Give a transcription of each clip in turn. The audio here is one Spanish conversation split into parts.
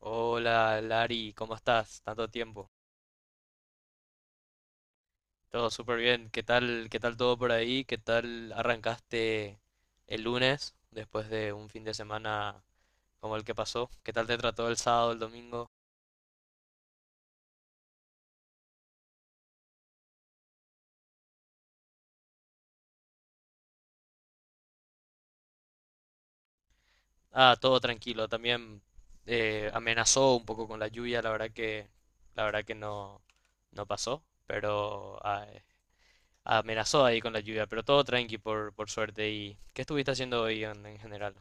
Hola, Lari, ¿cómo estás? Tanto tiempo. Todo súper bien. Qué tal todo por ahí? ¿Qué tal arrancaste el lunes después de un fin de semana como el que pasó? ¿Qué tal te trató el sábado, el domingo? Ah, todo tranquilo. También amenazó un poco con la lluvia. La verdad que no, no pasó, pero ah, amenazó ahí con la lluvia. Pero todo tranqui por suerte. ¿Y qué estuviste haciendo hoy en general?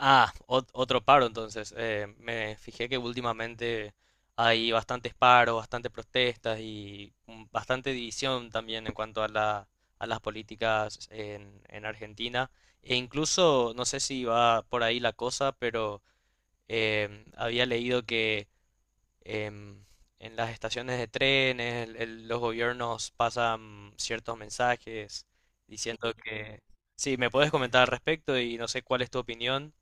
Ah, otro paro entonces. Me fijé que últimamente hay bastantes paros, bastantes protestas y bastante división también en cuanto a a las políticas en Argentina. E incluso, no sé si va por ahí la cosa, pero había leído que em, en las estaciones de trenes los gobiernos pasan ciertos mensajes diciendo que… Sí, ¿me puedes comentar al respecto y no sé cuál es tu opinión?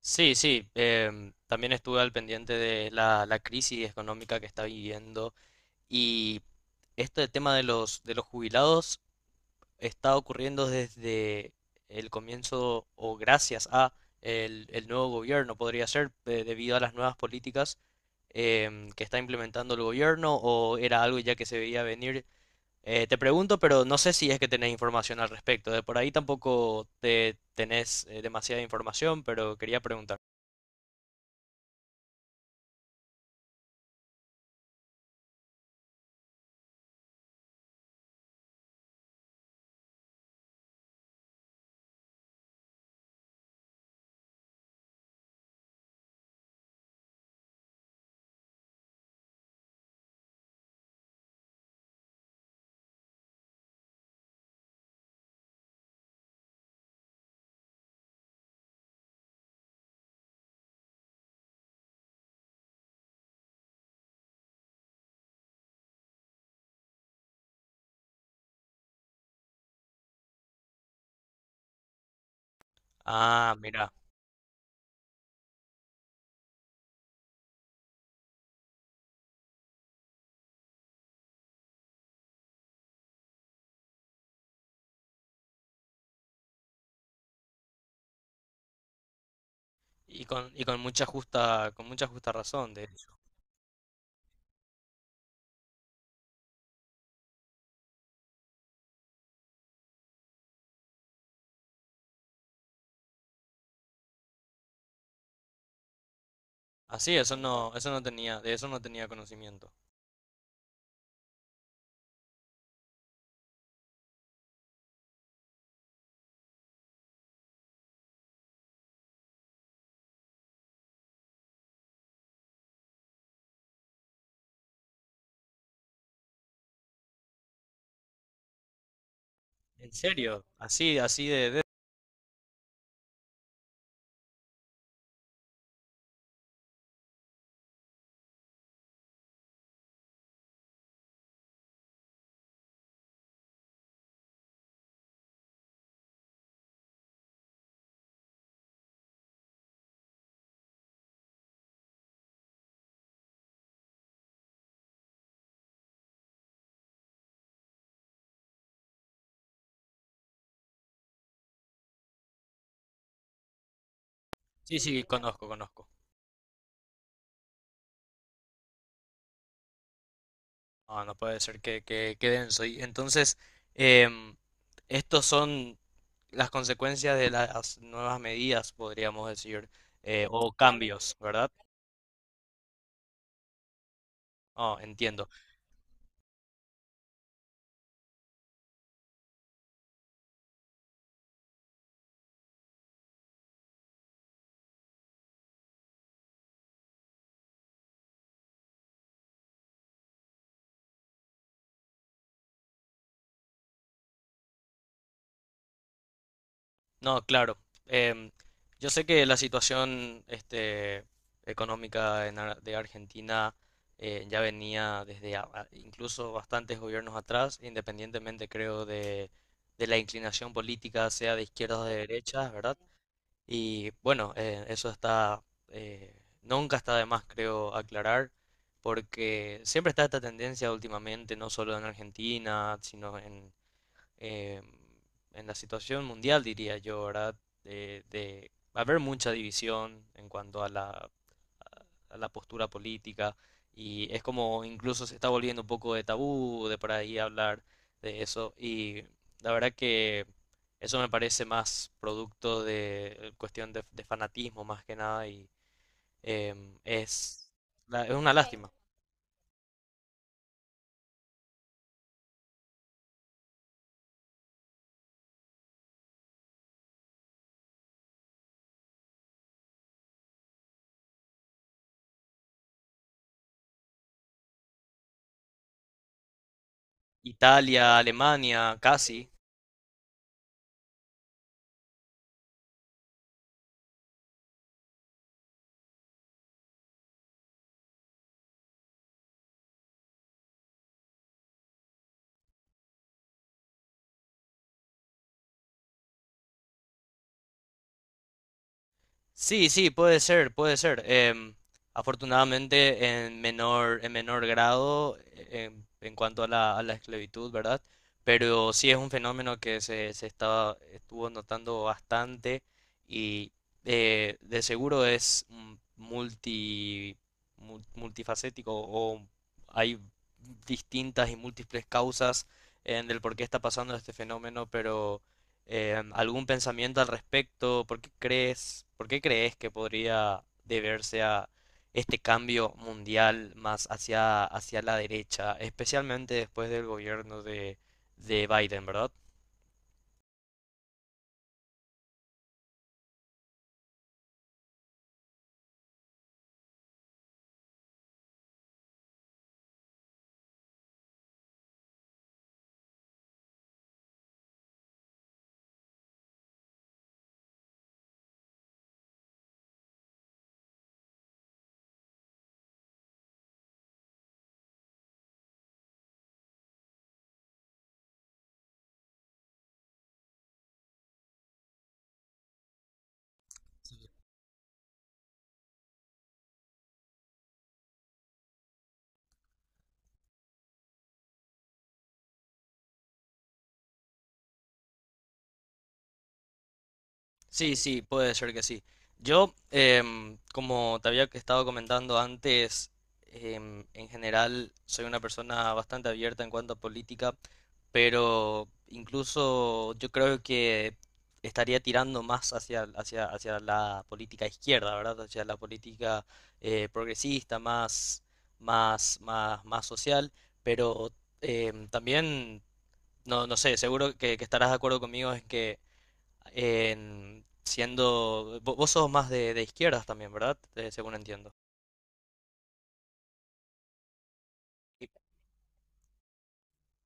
Sí, sí, también estuve al pendiente de la crisis económica que está viviendo y este tema de de los jubilados está ocurriendo desde el comienzo o gracias a el nuevo gobierno, podría ser, debido a las nuevas políticas que está implementando el gobierno o era algo ya que se veía venir. Te pregunto, pero no sé si es que tenés información al respecto. De por ahí tampoco te tenés demasiada información, pero quería preguntar. Ah, mira, y con mucha justa razón, de hecho. Así, eso no tenía, de eso no tenía conocimiento. ¿En serio? Así, así de, Sí, sí, conozco, conozco. No, no puede ser que denso. Y entonces, em, estos son las consecuencias de las nuevas medidas, podríamos decir, o cambios, ¿verdad? Oh, entiendo. No, claro. Em, yo sé que la situación este, económica en de Argentina ya venía desde incluso bastantes gobiernos atrás, independientemente creo de la inclinación política, sea de izquierdas o de derechas, ¿verdad? Y bueno, eso está, eh, nunca está de más, creo, aclarar, porque siempre está esta tendencia últimamente, no solo en Argentina, sino eh, en la situación mundial, diría yo, ¿verdad? De haber mucha división en cuanto a a la postura política y es como incluso se está volviendo un poco de tabú de por ahí hablar de eso y la verdad que eso me parece más producto de cuestión de fanatismo más que nada y em, es, es una Sí. lástima. Italia, Alemania, casi. Sí, sí, puede ser, puede ser. Em, afortunadamente en menor grado en cuanto a a la esclavitud, ¿verdad? Pero sí es un fenómeno que se estaba, estuvo notando bastante y de seguro es multi, multifacético o hay distintas y múltiples causas en el por qué está pasando este fenómeno, pero ¿algún pensamiento al respecto? Por qué crees que podría deberse a este cambio mundial más hacia, hacia la derecha, especialmente después del gobierno de Biden, ¿verdad? Sí, sí, puede ser que sí. Yo, como te había estado comentando antes, en general soy una persona bastante abierta en cuanto a política, pero incluso yo creo que estaría tirando más hacia, hacia, hacia la política izquierda, ¿verdad? Hacia la política progresista, más, más social, pero también, no, no sé, seguro que estarás de acuerdo conmigo en que siendo… Vos sos más de izquierdas también, ¿verdad? Según entiendo. Y-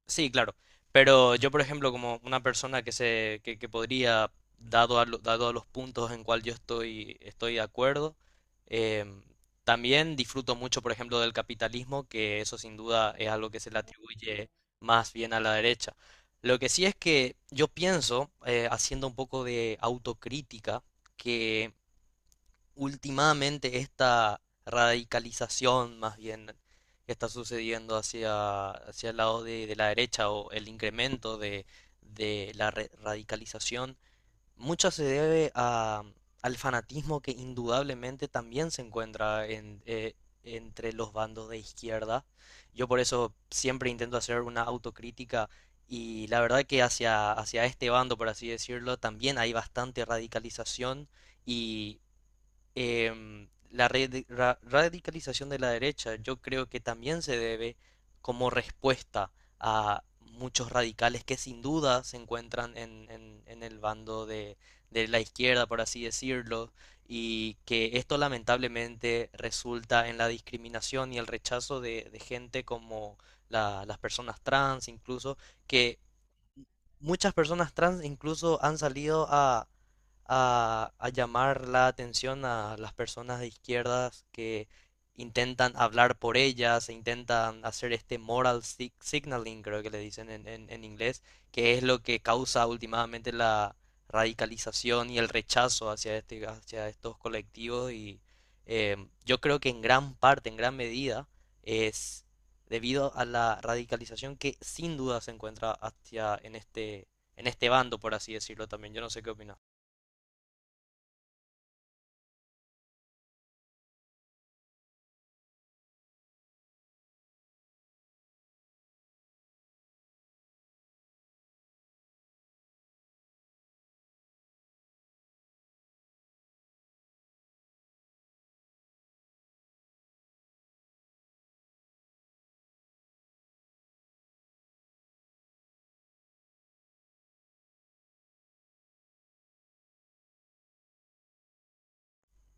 Sí, claro. Pero yo, por ejemplo, como una persona que se, que podría, dado a, dado a los puntos en cual yo estoy, estoy de acuerdo, em, también disfruto mucho, por ejemplo, del capitalismo, que eso sin duda es algo que se le atribuye más bien a la derecha. Lo que sí es que yo pienso, haciendo un poco de autocrítica, que últimamente esta radicalización más bien que está sucediendo hacia, hacia el lado de la derecha o el incremento de la radicalización, mucho se debe a, al fanatismo que indudablemente también se encuentra en, entre los bandos de izquierda. Yo por eso siempre intento hacer una autocrítica y la verdad que hacia, hacia este bando, por así decirlo, también hay bastante radicalización y la radicalización de la derecha yo creo que también se debe como respuesta a muchos radicales que sin duda se encuentran en, en el bando de la izquierda, por así decirlo, y que esto lamentablemente resulta en la discriminación y el rechazo de gente como las personas trans, incluso, que muchas personas trans incluso han salido a llamar la atención a las personas de izquierdas que intentan hablar por ellas, e intentan hacer este moral signaling, creo que le dicen en, en inglés, que es lo que causa últimamente la radicalización y el rechazo hacia este, hacia estos colectivos y yo creo que en gran parte, en gran medida, es debido a la radicalización que sin duda se encuentra hacia en este bando, por así decirlo también. Yo no sé qué opinas.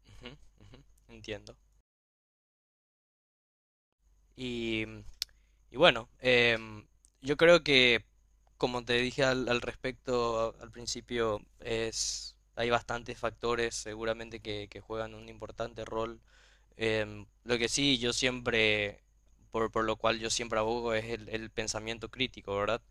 Ujú, ujú, entiendo. Y, y bueno, yo creo que, como te dije al, al respecto al principio, es, hay bastantes factores seguramente que juegan un importante rol. Em, lo que sí, yo siempre, por lo cual yo siempre abogo es el pensamiento crítico, ¿verdad?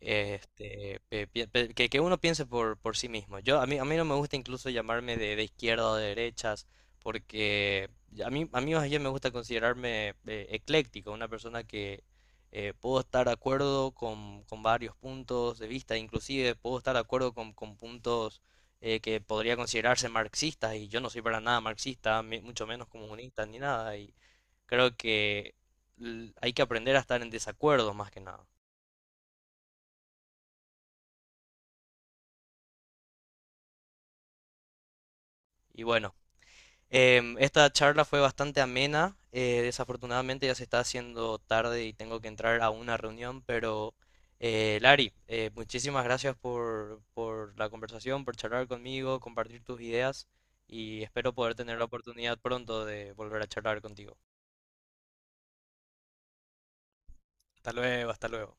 Este, que uno piense por sí mismo. Yo, a mí no me gusta incluso llamarme de izquierda o de derechas porque a mí más bien me gusta considerarme ecléctico, una persona que puedo estar de acuerdo con varios puntos de vista, inclusive puedo estar de acuerdo con puntos que podría considerarse marxistas, y yo no soy para nada marxista, mucho menos comunista ni nada, y creo que hay que aprender a estar en desacuerdo más que nada. Y bueno. Em, esta charla fue bastante amena. Eh, desafortunadamente ya se está haciendo tarde y tengo que entrar a una reunión, pero Lari, muchísimas gracias por la conversación, por charlar conmigo, compartir tus ideas y espero poder tener la oportunidad pronto de volver a charlar contigo. Hasta luego, hasta luego.